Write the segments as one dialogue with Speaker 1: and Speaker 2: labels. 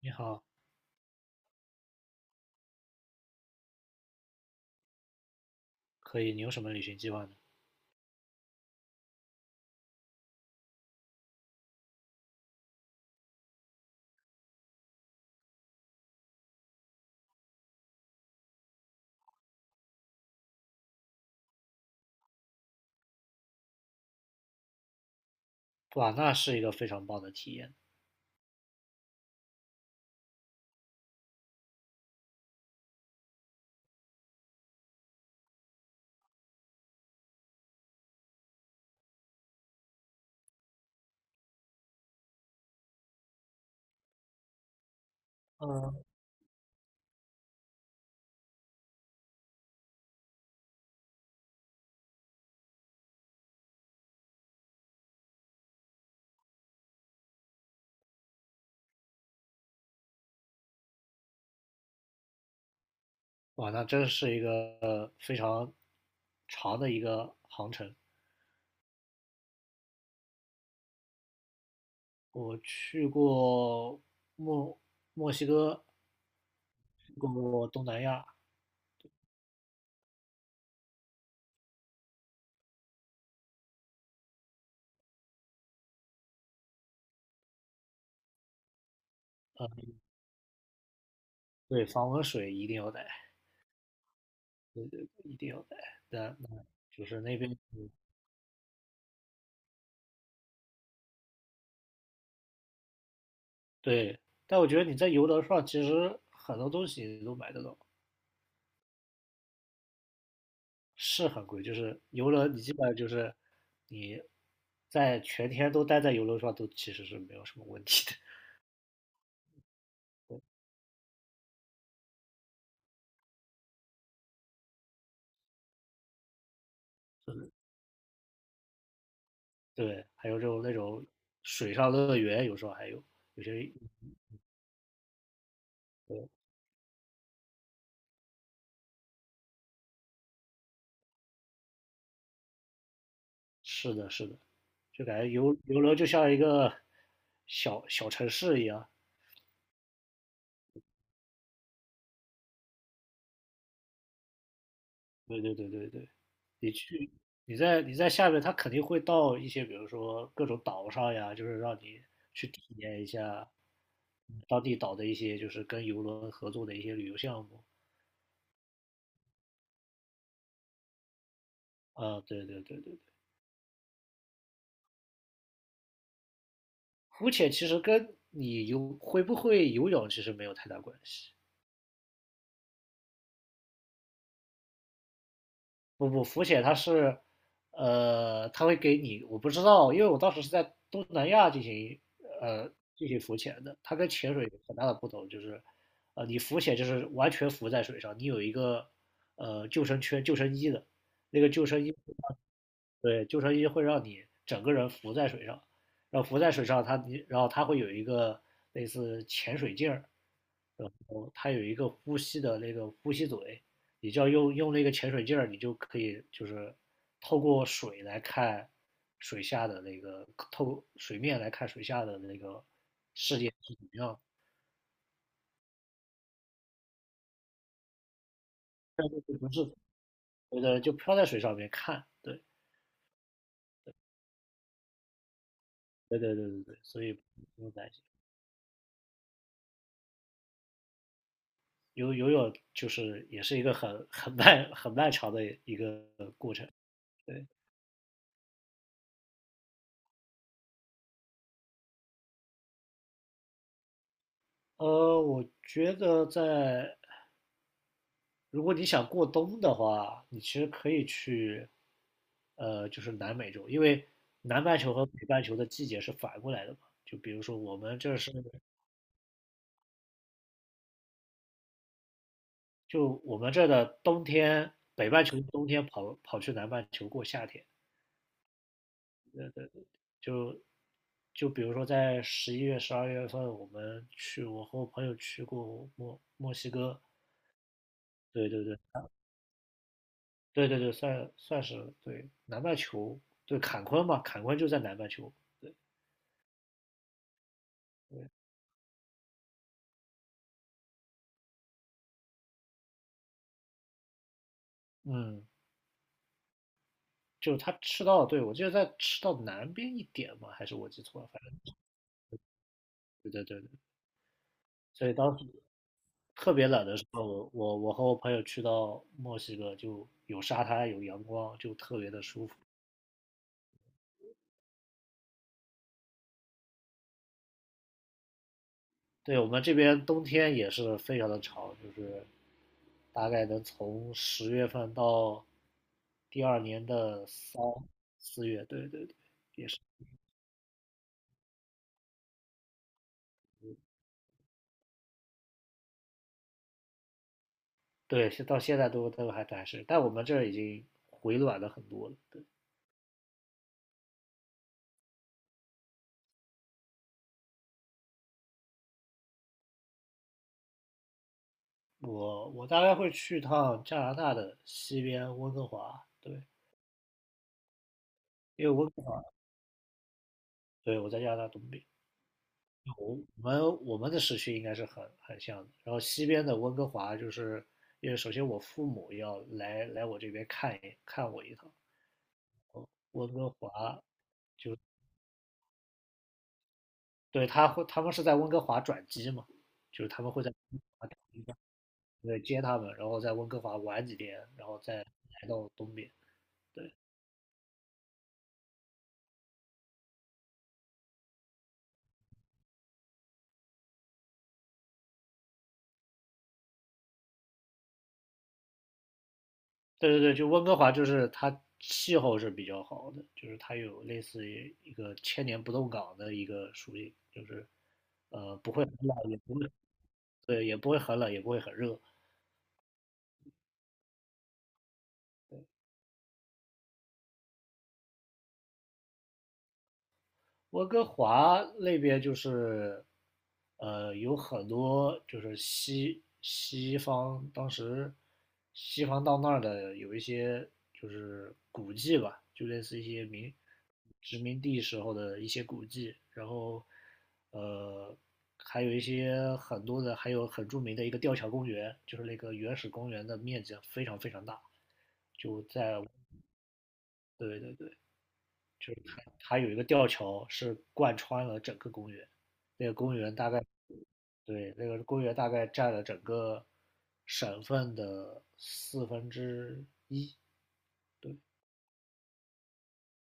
Speaker 1: 你好，可以，你有什么旅行计划呢？哇，那是一个非常棒的体验。嗯，哇，那真是一个呃非常长的一个航程。我去过墨墨西哥，去过东南亚，对，防蚊水一定要带，一定要带。但那就是那边，嗯对，但我觉得你在游轮上其实很多东西都买得到。是很贵，就是游轮，你基本上就是你在全天都待在游轮上，都其实是没有什么问题的。对，还有这种那种水上乐园，有时候还有有些是的，是的，就感觉游轮就像一个小小城市一样。对对对对对，你去你在下面，它肯定会到一些，比如说各种岛上呀，就是让你去体验一下当地岛的一些，就是跟游轮合作的一些旅游项目。啊，对对对对对，浮潜其实跟你会不会游泳其实没有太大关系。不不，浮潜它是，它会给你，我不知道，因为我当时是在东南亚呃进行浮潜的，它跟潜水有很大的不同，就是，你浮潜就是完全浮在水上，你有一个救生圈、救生衣的，那个救生衣对，救生衣会让你整个人浮在水上，然后浮在水上它，然后它会有一个类似潜水镜儿，然后它有一个呼吸的那个呼吸嘴，你就要用那个潜水镜儿，你就可以就是透过水来看水下的那个，透过水面来看水下的那个世界是怎么样的，就不是觉得就漂在水上面看，对，对对对对对，所以不用担心。游泳就是也是一个很漫长的一个过程。对，我觉得如果你想过冬的话，你其实可以去，就是南美洲，因为南半球和北半球的季节是反过来的嘛。就比如说我们这是，就我们这的冬天，北半球的冬天跑去南半球过夏天，就就比如说在11月、12月份，我们去，我和我朋友去过墨西哥，对对对对对对，算是对南半球，对坎昆嘛，坎昆就在南半球，对对，嗯，就他赤道，对我记得在吃到南边一点嘛，还是我记错了，反正对对对对，所以当时特别冷的时候，我和我朋友去到墨西哥，就有沙滩有阳光，就特别的舒服，对我们这边冬天也是非常的长，就是大概能从10月份到第二年的三四月，对对对对，到现在都还是，但我们这儿已经回暖了很多了。对，我大概会去趟加拿大的西边温哥华，对，因为温哥华，对，我在加拿大东边，我我们的时区应该是很像的。然后西边的温哥华，就是因为首先我父母要来我这边看一看我一趟。温哥华，对，他们是在温哥华转机嘛，就是他们会在对接他们，然后在温哥华玩几天，然后再来到东边。对，对对对，就温哥华就是它气候是比较好的，就是它有类似于一个千年不动港的一个属性，就是不会很冷也不会对，也不会很冷，也不会很热。温哥华那边就是，有很多就是西方，当时西方到那儿的有一些就是古迹吧，就类似一些殖民地时候的一些古迹，然后呃，还有一些很多的，还有很著名的一个吊桥公园，就是那个原始公园的面积非常非常大，就在对对对。就是它有一个吊桥是贯穿了整个公园，那个公园大概对那个公园大概占了整个省份的1/4。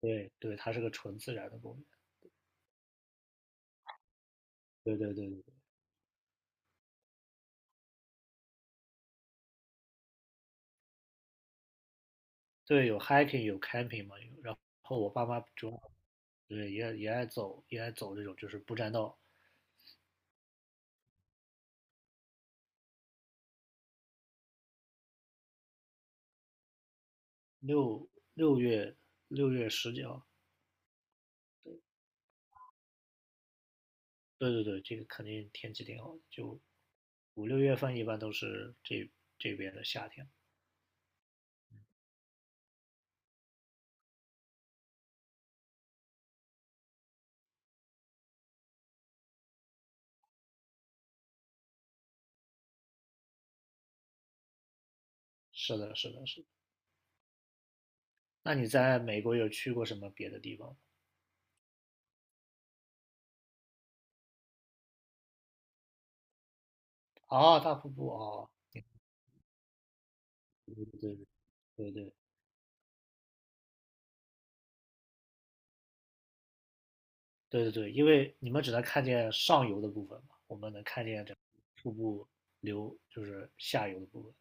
Speaker 1: 对对，它是个纯自然的公园。对对对对对，有 hiking 有 camping 嘛，然后我爸妈就，对也爱走这种就是不占道。六六月六月十几号，对对对，这个肯定天气挺好的，就五六月份一般都是这边的夏天。是的，是的，是的。那你在美国有去过什么别的地方吗？哦，大瀑布哦，对对对对对对对对，因为你们只能看见上游的部分嘛，我们能看见整个瀑布流就是下游的部分。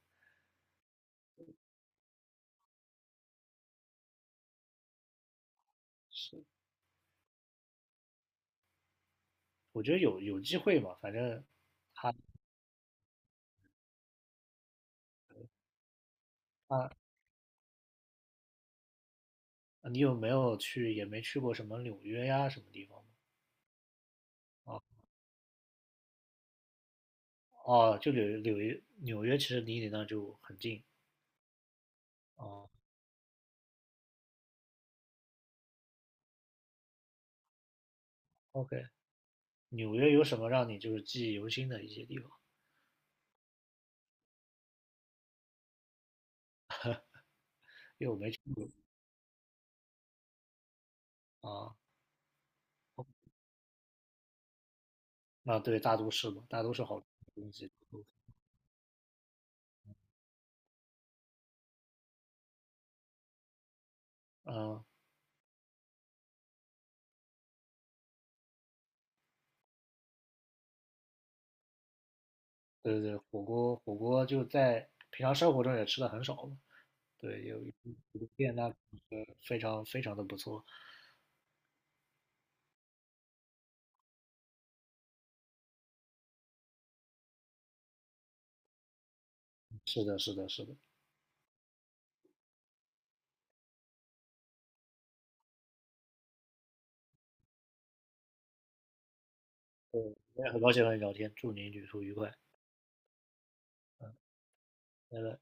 Speaker 1: 是，我觉得有机会嘛，反正他他你有没有去也没去过什么纽约呀什么地方吗？哦哦，就纽约其实离你那就很近。啊。o k 纽约有什么让你就是记忆犹新的一些地方？因为我没去啊。哦啊，对，大都市嘛，大都市好吃的东西，嗯，啊对对对，火锅就在平常生活中也吃的很少嘛，对，有一个店那非常非常的不错，是的，是的，是的，对，我也很高兴和你聊天，祝你旅途愉快，拜拜。